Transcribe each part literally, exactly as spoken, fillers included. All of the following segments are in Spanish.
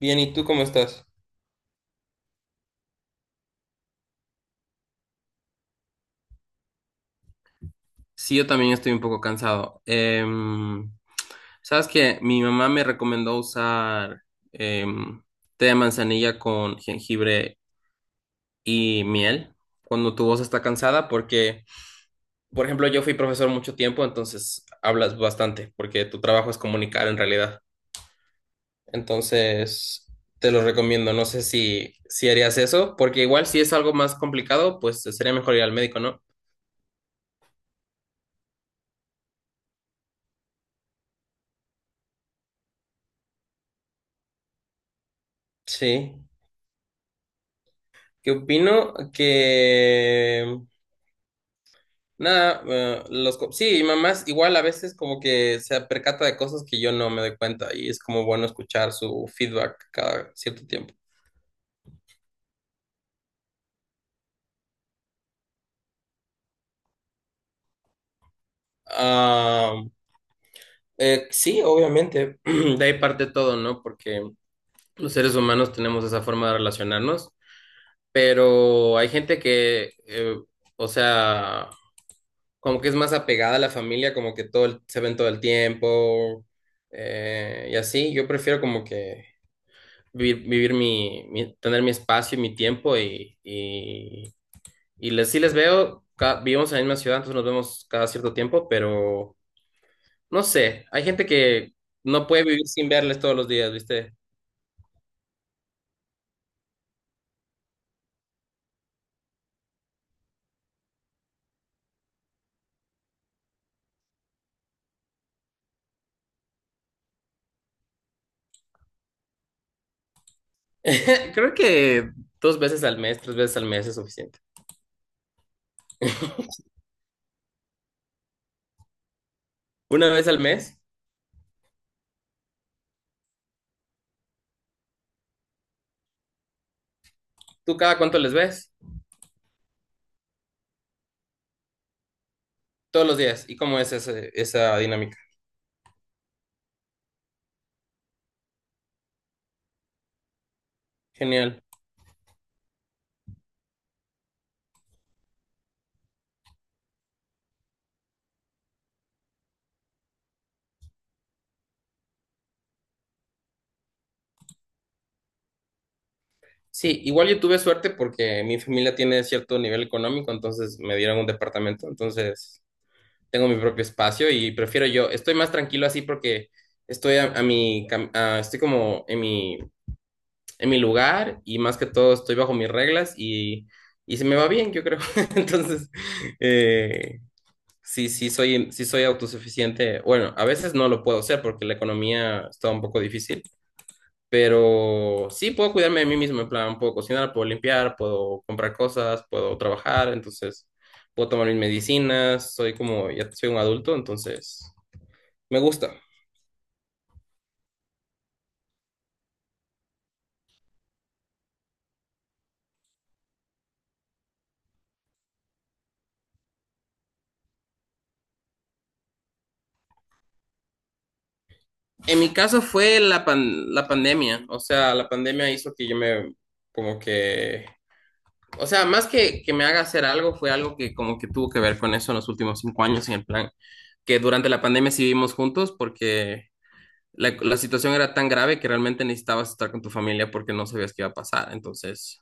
Bien, ¿y tú cómo estás? Sí, yo también estoy un poco cansado. Em, sabes que mi mamá me recomendó usar em, té de manzanilla con jengibre y miel cuando tu voz está cansada, porque, por ejemplo, yo fui profesor mucho tiempo, entonces hablas bastante, porque tu trabajo es comunicar en realidad. Entonces, te lo recomiendo. No sé si, si harías eso, porque igual si es algo más complicado, pues sería mejor ir al médico, ¿no? Sí. Que opino que nada, eh, los co- sí, y mamás igual a veces como que se percata de cosas que yo no me doy cuenta y es como bueno escuchar su feedback cada cierto tiempo. Ah, eh, sí, obviamente, de ahí parte todo, ¿no? Porque los seres humanos tenemos esa forma de relacionarnos, pero hay gente que, eh, o sea, como que es más apegada a la familia, como que todo el- se ven todo el tiempo eh, y así. Yo prefiero como que vivir, vivir mi, mi- tener mi espacio y mi tiempo y, y, y les, sí les veo, ca- vivimos en la misma ciudad, entonces nos vemos cada cierto tiempo, pero no sé, hay gente que no puede vivir sin verles todos los días, ¿viste? Creo que dos veces al mes, tres veces al mes es suficiente. Una vez al mes, ¿tú cada cuánto les ves? Todos los días. ¿Y cómo es ese- esa dinámica? Genial. Sí, igual yo tuve suerte porque mi familia tiene cierto nivel económico, entonces me dieron un departamento, entonces tengo mi propio espacio y prefiero yo, estoy más tranquilo así porque estoy a, a mi, cam- a- estoy como en mi, en mi lugar y más que todo estoy bajo mis reglas y, y se me va bien, yo creo. Entonces, eh, sí, sí soy, sí soy autosuficiente. Bueno, a veces no lo puedo ser porque la economía está un poco difícil. Pero sí puedo cuidarme de mí mismo, en plan, puedo cocinar, puedo limpiar, puedo comprar cosas, puedo trabajar, entonces puedo tomar mis medicinas, soy como, ya soy un adulto, entonces me gusta. En mi caso fue la pan- la pandemia, o sea, la pandemia hizo que yo me, como que, o sea, más que, que me haga hacer algo, fue algo que como que tuvo que ver con eso en los últimos cinco años, en el plan, que durante la pandemia sí vivimos juntos porque la, la situación era tan grave que realmente necesitabas estar con tu familia porque no sabías qué iba a pasar. Entonces,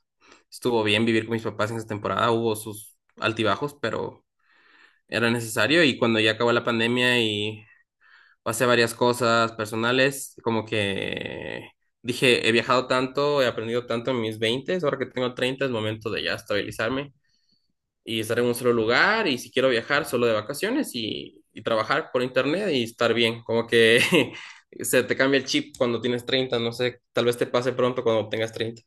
estuvo bien vivir con mis papás en esa temporada, hubo sus altibajos, pero era necesario y cuando ya acabó la pandemia y pasé varias cosas personales, como que dije, he viajado tanto, he aprendido tanto en mis veinte ahora que tengo treinta es momento de ya estabilizarme y estar en un solo lugar y si quiero viajar solo de vacaciones y, y trabajar por internet y estar bien, como que se te cambia el chip cuando tienes treinta no sé, tal vez te pase pronto cuando tengas treinta.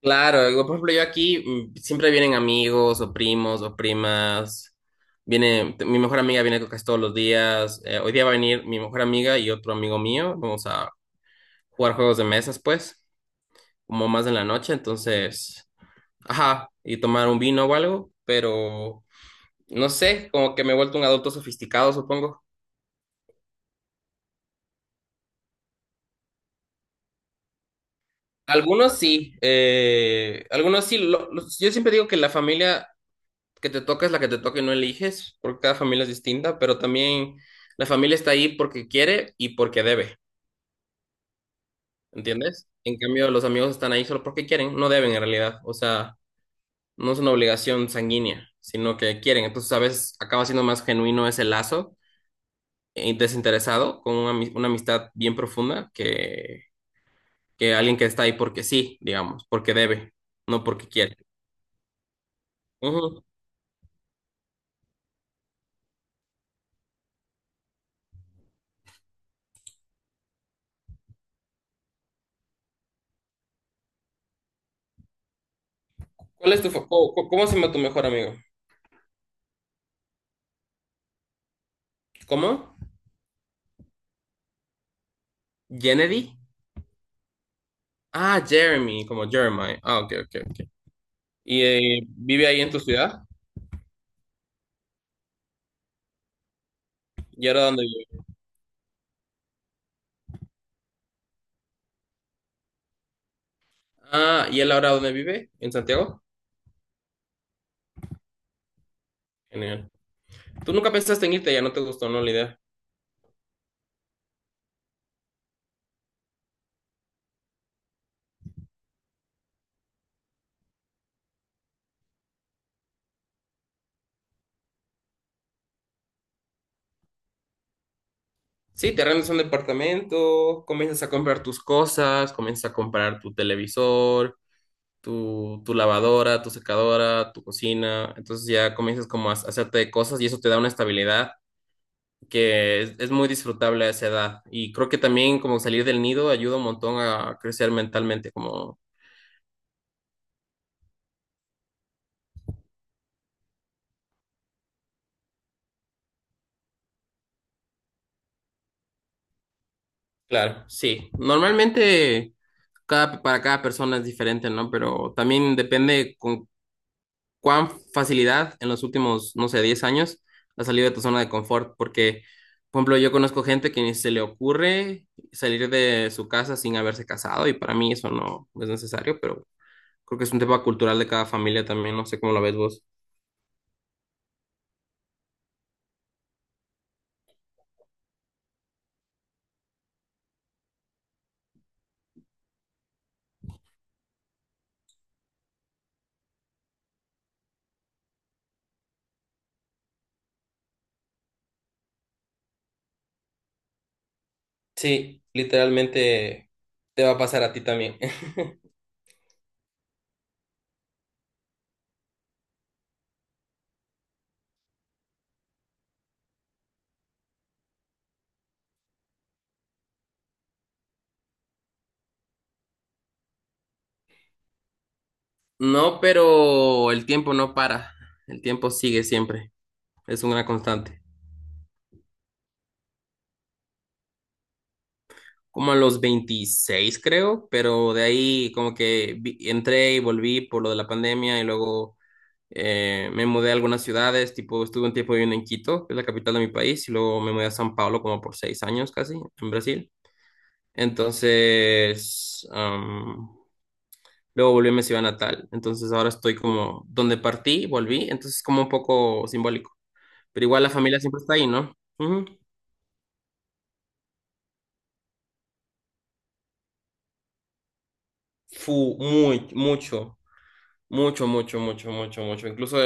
Claro, digo, por ejemplo, yo aquí mm, siempre vienen amigos o primos o primas. Viene, t- mi mejor amiga viene casi todos los días. Eh, hoy día va a venir mi mejor amiga y otro amigo mío. Vamos a jugar juegos de mesas, pues, como más en la noche. Entonces, ajá, y tomar un vino o algo, pero no sé, como que me he vuelto un adulto sofisticado, supongo. Algunos sí, eh, algunos sí. Lo- los- yo siempre digo que la familia que te toca es la que te toca y no eliges, porque cada familia es distinta, pero también la familia está ahí porque quiere y porque debe, ¿entiendes? En cambio, los amigos están ahí solo porque quieren, no deben en realidad, o sea, no es una obligación sanguínea, sino que quieren, entonces a veces acaba siendo más genuino ese lazo eh, desinteresado con una, ami- una amistad bien profunda que, que alguien que está ahí porque sí, digamos, porque debe, no porque quiere. Ujú. ¿Cuál es tu, fa- cómo, cómo se llama tu mejor amigo? ¿Cómo? Kennedy. Ah, Jeremy, como Jeremiah. Ah, ok, ok, ok. ¿Y eh, vive ahí en tu ciudad? ¿Y ahora dónde vive? Ah, ¿y él ahora dónde vive? ¿En Santiago? Genial. ¿Tú nunca pensaste en irte? Ya no te gustó, ¿no? La idea. Sí, te arrendas un departamento, comienzas a comprar tus cosas, comienzas a comprar tu televisor, tu, tu lavadora, tu secadora, tu cocina. Entonces ya comienzas como a hacerte cosas y eso te da una estabilidad que es, es muy disfrutable a esa edad. Y creo que también como salir del nido ayuda un montón a crecer mentalmente, como, claro, sí. Normalmente cada, para cada persona es diferente, ¿no? Pero también depende con cuán facilidad en los últimos, no sé, diez años has salido de tu zona de confort, porque, por ejemplo, yo conozco gente que ni se le ocurre salir de su casa sin haberse casado y para mí eso no es necesario, pero creo que es un tema cultural de cada familia también, no sé cómo lo ves vos. Sí, literalmente te va a pasar a ti también. No, pero el tiempo no para. El tiempo sigue siempre. Es una constante. Como a los veintiséis creo, pero de ahí como que vi- entré y volví por lo de la pandemia y luego eh, me mudé a algunas ciudades, tipo estuve un tiempo viviendo en Quito, que es la capital de mi país, y luego me mudé a San Pablo como por seis años casi, en Brasil. Entonces, luego volví a mi ciudad natal. Entonces ahora estoy como donde partí, volví. Entonces es como un poco simbólico. Pero igual la familia siempre está ahí, ¿no? Ujú. Fu, muy, mucho, mucho, mucho, mucho, mucho, mucho. Incluso.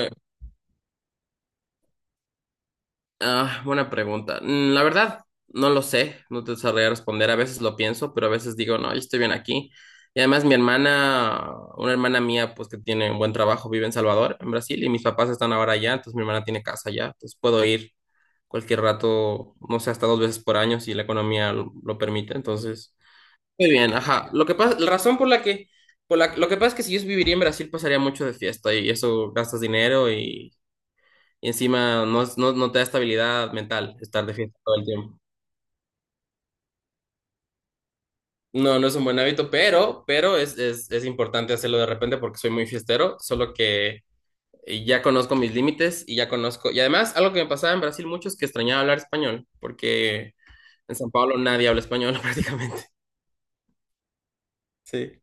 Ah, buena pregunta. Mm, La verdad, no lo sé, no te sabría responder. A veces lo pienso, pero a veces digo, no, yo estoy bien aquí. Y además mi hermana, una hermana mía, pues que tiene un buen trabajo, vive en Salvador, en Brasil, y mis papás están ahora allá, entonces mi hermana tiene casa allá, entonces puedo ir cualquier rato, no sé, hasta dos veces por año si la economía lo, lo permite. Entonces, muy bien, ajá. Lo que pasa, la razón por la que, por la, lo que pasa es que si yo viviría en Brasil, pasaría mucho de fiesta y eso gastas dinero y y encima no, es- no, no te da estabilidad mental estar de fiesta todo el tiempo. No, no es un buen hábito, pero, pero es, es, es importante hacerlo de repente porque soy muy fiestero, solo que eh, ya conozco mis límites y ya conozco. Y además, algo que me pasaba en Brasil mucho es que extrañaba hablar español, porque en San Pablo nadie habla español prácticamente. Sí.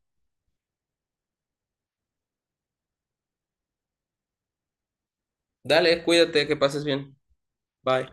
Dale, cuídate, que pases bien. Bye.